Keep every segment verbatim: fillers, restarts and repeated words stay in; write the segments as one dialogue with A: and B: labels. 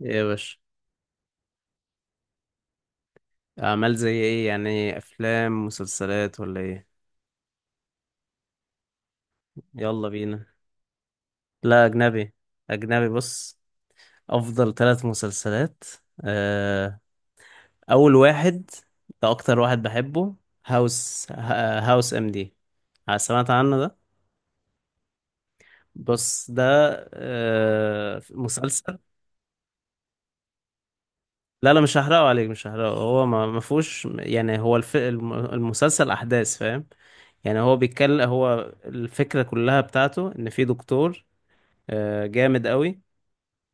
A: ايه يا باشا؟ اعمال زي ايه؟ يعني افلام، مسلسلات، ولا ايه؟ يلا بينا. لا، اجنبي. اجنبي، بص. افضل ثلاث مسلسلات. آه، اول واحد، ده اكتر واحد بحبه. هاوس آه، هاوس ام دي. آه، سمعت عنه ده؟ بص ده آه، مسلسل. لا لا، مش هحرقه عليك، مش هحرقه. هو ما ما فيهوش يعني. هو الف... الم- المسلسل احداث، فاهم؟ يعني هو بيتكلم، هو الفكرة كلها بتاعته ان في دكتور آه، جامد قوي.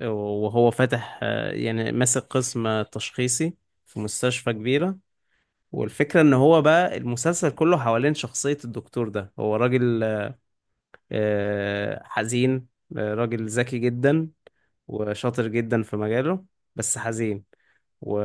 A: وهو فاتح، آه، يعني ماسك قسم تشخيصي في مستشفى كبيرة. والفكرة ان هو بقى المسلسل كله حوالين شخصية الدكتور ده. هو راجل آه، حزين، آه، راجل ذكي جدا، وشاطر جدا في مجاله، بس حزين. و...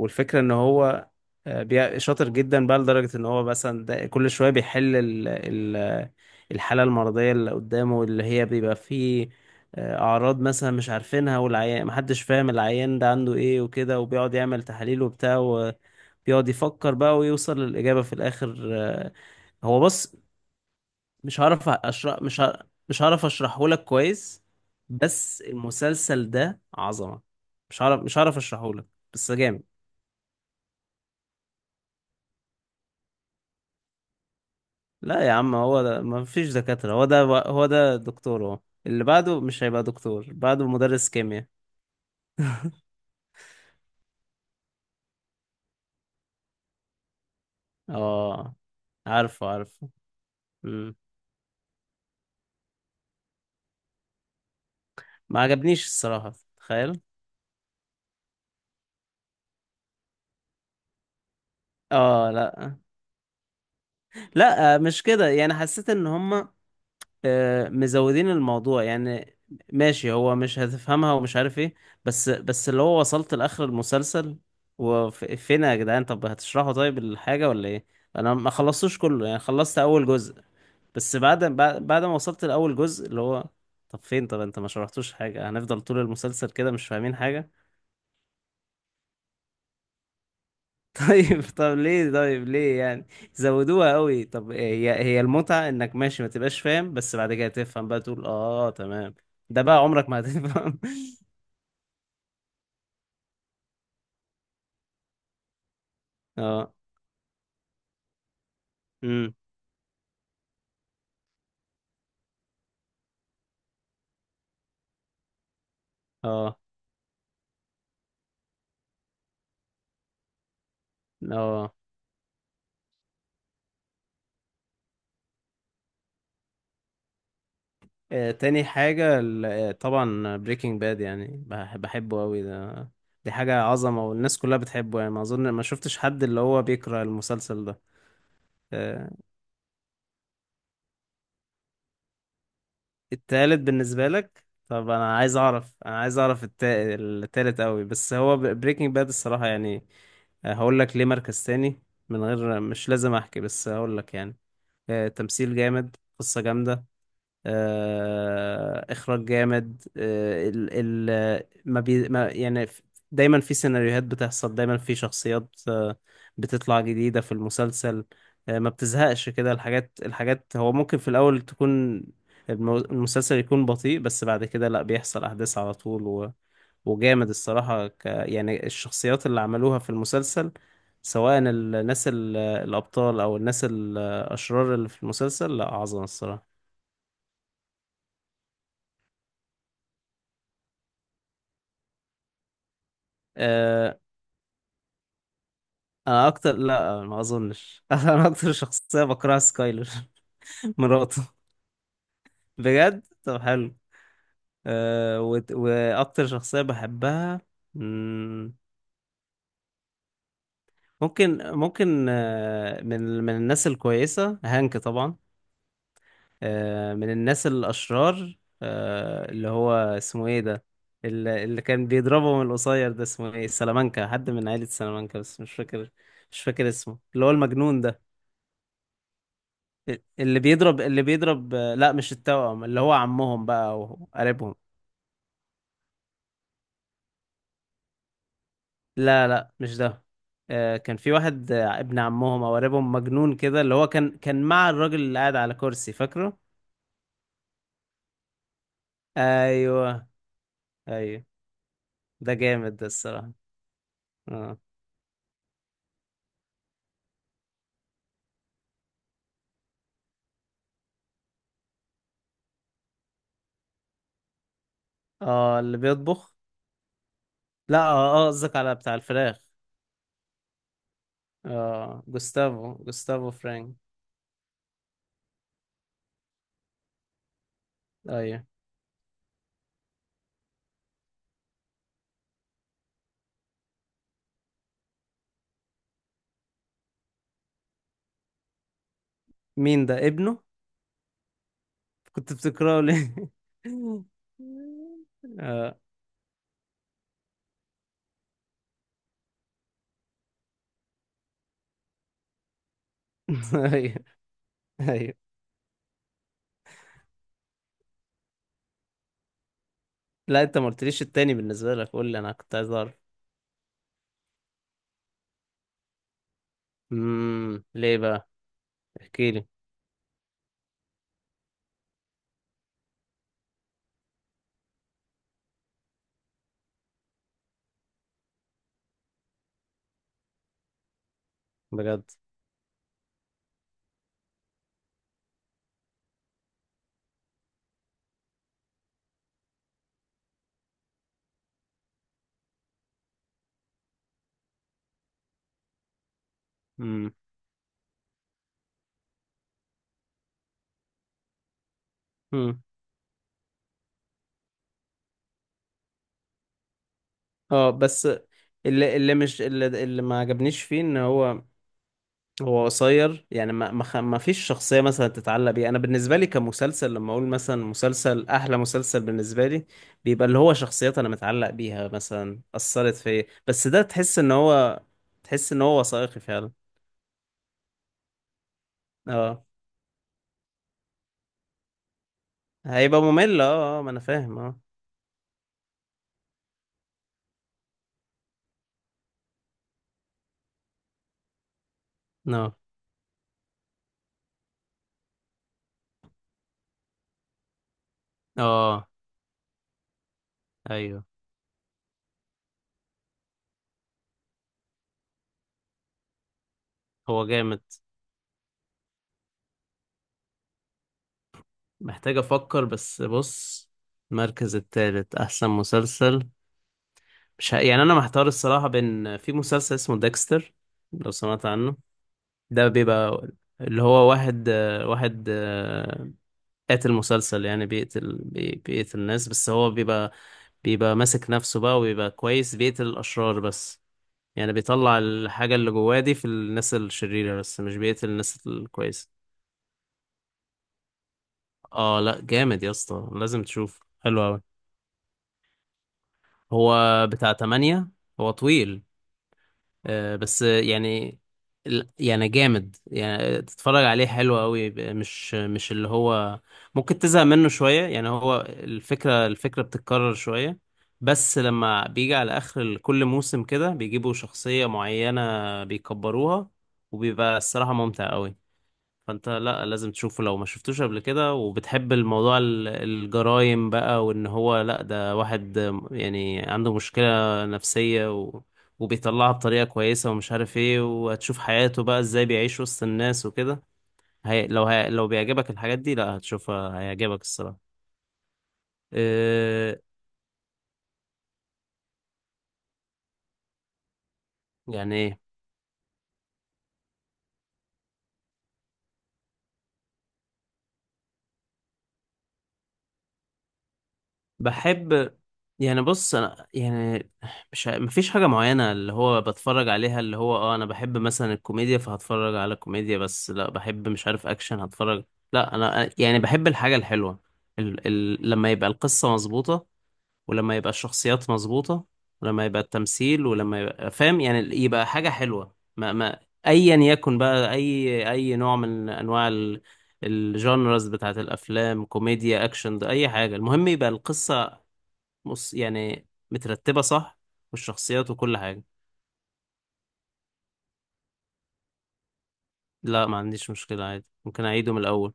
A: والفكرة ان هو آه، بي- شاطر جدا بقى، لدرجة ان هو مثلا ده- كل شوية بيحل ال... ال... الحالة المرضية اللي قدامه، اللي هي بيبقى فيه آه، اعراض مثلا مش عارفينها، والعيان محدش فاهم العيان ده عنده ايه وكده، وبيقعد يعمل تحاليل وبتاع، وبيقعد يفكر بقى ويوصل للإجابة في الآخر. آه، هو بص، مش هعرف اشرح مش ه... مش هعرف اشرحه لك كويس، بس المسلسل ده عظمة. مش هعرف مش هعرف اشرحه لك. بس جامد. لا يا عم، هو ده، ما فيش دكاترة. هو ده، هو ده دكتور. هو اللي بعده مش هيبقى دكتور، بعده مدرس كيمياء. اه، عارفه عارفه. مم. ما عجبنيش الصراحة، تخيل. اه، لا، لا مش كده. يعني حسيت ان هما آه، مزودين الموضوع يعني. ماشي، هو مش هتفهمها ومش عارف ايه، بس بس اللي هو وصلت لاخر المسلسل، وفين يا جدعان؟ طب هتشرحوا طيب الحاجة ولا ايه؟ انا ما خلصتوش كله، يعني خلصت اول جزء بس. بعد بعد بعد ما وصلت لأول جزء اللي هو، طب فين؟ طب انت ما شرحتوش حاجة؟ هنفضل طول المسلسل كده مش فاهمين حاجة؟ طيب، طب ليه طيب ليه يعني؟ زودوها قوي. طب هي هي المتعة، انك ماشي ما تبقاش فاهم، بس بعد كده تفهم بقى، تقول اه تمام. ده بقى عمرك ما هتفهم. اه. امم. اه، اه. آه، تاني حاجة، ال- آه، طبعا بريكنج باد، يعني بح- بحبه قوي ده. دي حاجة عظمة، والناس كلها بتحبه. يعني ما أظن ما شفتش حد اللي هو بيكره المسلسل ده. آه، التالت بالنسبة لك؟ طب انا عايز اعرف، انا عايز اعرف التا... التالت قوي، بس هو بريكنج باد الصراحة يعني. آه، هقول لك ليه مركز تاني. من غير، مش لازم احكي، بس هقول لك يعني. آه، تمثيل جامد، قصة جامدة، آه، اخراج جامد. آه، ال ال ما بي ما يعني ف- دايما في سيناريوهات بتحصل، دايما في شخصيات آه، بتطلع جديدة في المسلسل. آه، ما بتزهقش كده الحاجات. الحاجات هو ممكن في الاول تكون المو- المسلسل يكون بطيء، بس بعد كده لا، بيحصل احداث على طول. و وجامد الصراحة. ك يعني الشخصيات اللي عملوها في المسلسل، سواء الناس ال- الأبطال، أو الناس الأشرار اللي في المسلسل، لا عظمة الصراحة. آه، انا اكتر، لا ما اظنش. انا اكتر شخصيه بكرهها سكايلر. مراته. بجد، طب حلو. أه وت... واكتر شخصيه بحبها. مم، ممكن ممكن آه، من من الناس الكويسه، هانك طبعا. أه من الناس الاشرار، أه اللي هو اسمه ايه ده، اللي, اللي كان بيضربه من القصير ده، اسمه ايه؟ سلامانكا، حد من عائله سلامانكا بس مش فاكر. مش فاكر اسمه، اللي هو المجنون ده. اللي بيضرب اللي بيضرب. لا مش التوأم، اللي هو عمهم بقى او قريبهم. لا لا مش ده. آه، كان في واحد آه، ابن عمهم او قريبهم، مجنون كده، اللي هو كان كان مع الراجل اللي قاعد على كرسي، فاكره؟ ايوه. ايوه، ده جامد ده الصراحة. اه. اه، اللي بيطبخ. لا، اه، آه، قصدك على بتاع الفراخ. اه، جوستافو، جوستافو فرانك. ايوه. مين ده؟ ابنه. كنت بتكرهه ليه؟ اه. ايوه، ايوه. لا، انت ما قلتليش التاني بالنسبة لك، قول لي، انا كنت عايز اعرف. امم، ليه بقى؟ احكي لي. بجد. امم، امم، اه. بس اللي اللي مش اللي, اللي ما عجبنيش فيه ان هو، هو قصير يعني. ما ما, خ- ما فيش شخصية مثلا تتعلق بيها. انا بالنسبة لي كمسلسل، لما اقول مثلا مسلسل، احلى مسلسل بالنسبة لي بيبقى اللي هو شخصيات انا متعلق بيها، مثلا اثرت فيا، بس ده تحس ان هو، تحس ان هو وثائقي فعلا. اه، هيبقى ممل، اه، اه، ما انا فاهم. اه، اه، اه، ايوه. هو جامد. محتاج افكر، بس بص. المركز التالت، احسن مسلسل، مش ه... يعني انا محتار الصراحه. بين، في مسلسل اسمه ديكستر، لو سمعت عنه. ده بيبقى اللي هو واحد آه، واحد آه، قاتل مسلسل، يعني بيقتل، بي... بيقتل ناس، بس هو بيبقى بيبقى ماسك نفسه بقى، وبيبقى كويس، بيقتل الاشرار بس. يعني بيطلع الحاجه اللي جواه دي في الناس الشريره، بس مش بيقتل الناس الكويسه. اه لا، جامد يا اسطى، لازم تشوف، حلو أوي. هو بتاع تمانية. هو طويل، آه، بس يعني. ال- يعني جامد، يعني تتفرج عليه حلو قوي. ب- مش مش اللي هو ممكن تزهق منه شوية، يعني هو الفكرة الفكرة بتتكرر شوية، بس لما بيجي على آخر ال- كل موسم، كده بيجيبوا شخصية معينة بيكبروها، وبيبقى الصراحة ممتع قوي. فانت لا لازم تشوفه لو ما شفتوش قبل كده، وبتحب الموضوع، ال- الجرايم بقى، وان هو لا ده واحد يعني عنده مشكلة نفسية، و... وبيطلعها بطريقة كويسة ومش عارف ايه. وهتشوف حياته بقى ازاي بيعيش وسط الناس وكده. هي... لو هي... لو بيعجبك الحاجات دي، لا هتشوفها هيعجبك الصراحة. إيه... يعني ايه؟ بحب. يعني بص، انا يعني مش ع- مفيش حاجة معينة اللي هو بتفرج عليها اللي هو، اه انا بحب مثلا الكوميديا فهتفرج على كوميديا، بس لا بحب مش عارف اكشن هتفرج. لا، انا يعني بحب الحاجة الحلوة، ال ال لما يبقى القصة مظبوطة، ولما يبقى الشخصيات مظبوطة، ولما يبقى التمثيل، ولما يبقى فاهم، يعني يبقى حاجة حلوة. ما ما ايا يكن بقى، اي اي نوع من انواع ال- الجانرز بتاعت الافلام، كوميديا، اكشن، ده اي حاجة، المهم يبقى القصة، بص، يعني مترتبة صح، والشخصيات وكل حاجة. لا، ما عنديش مشكلة، عادي، ممكن أعيده من الأول.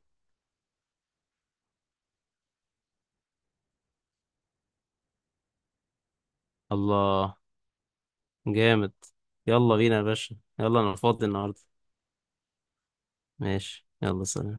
A: الله، جامد. يلا بينا يا باشا، يلا، أنا فاضي النهاردة. ماشي، يلا سلام.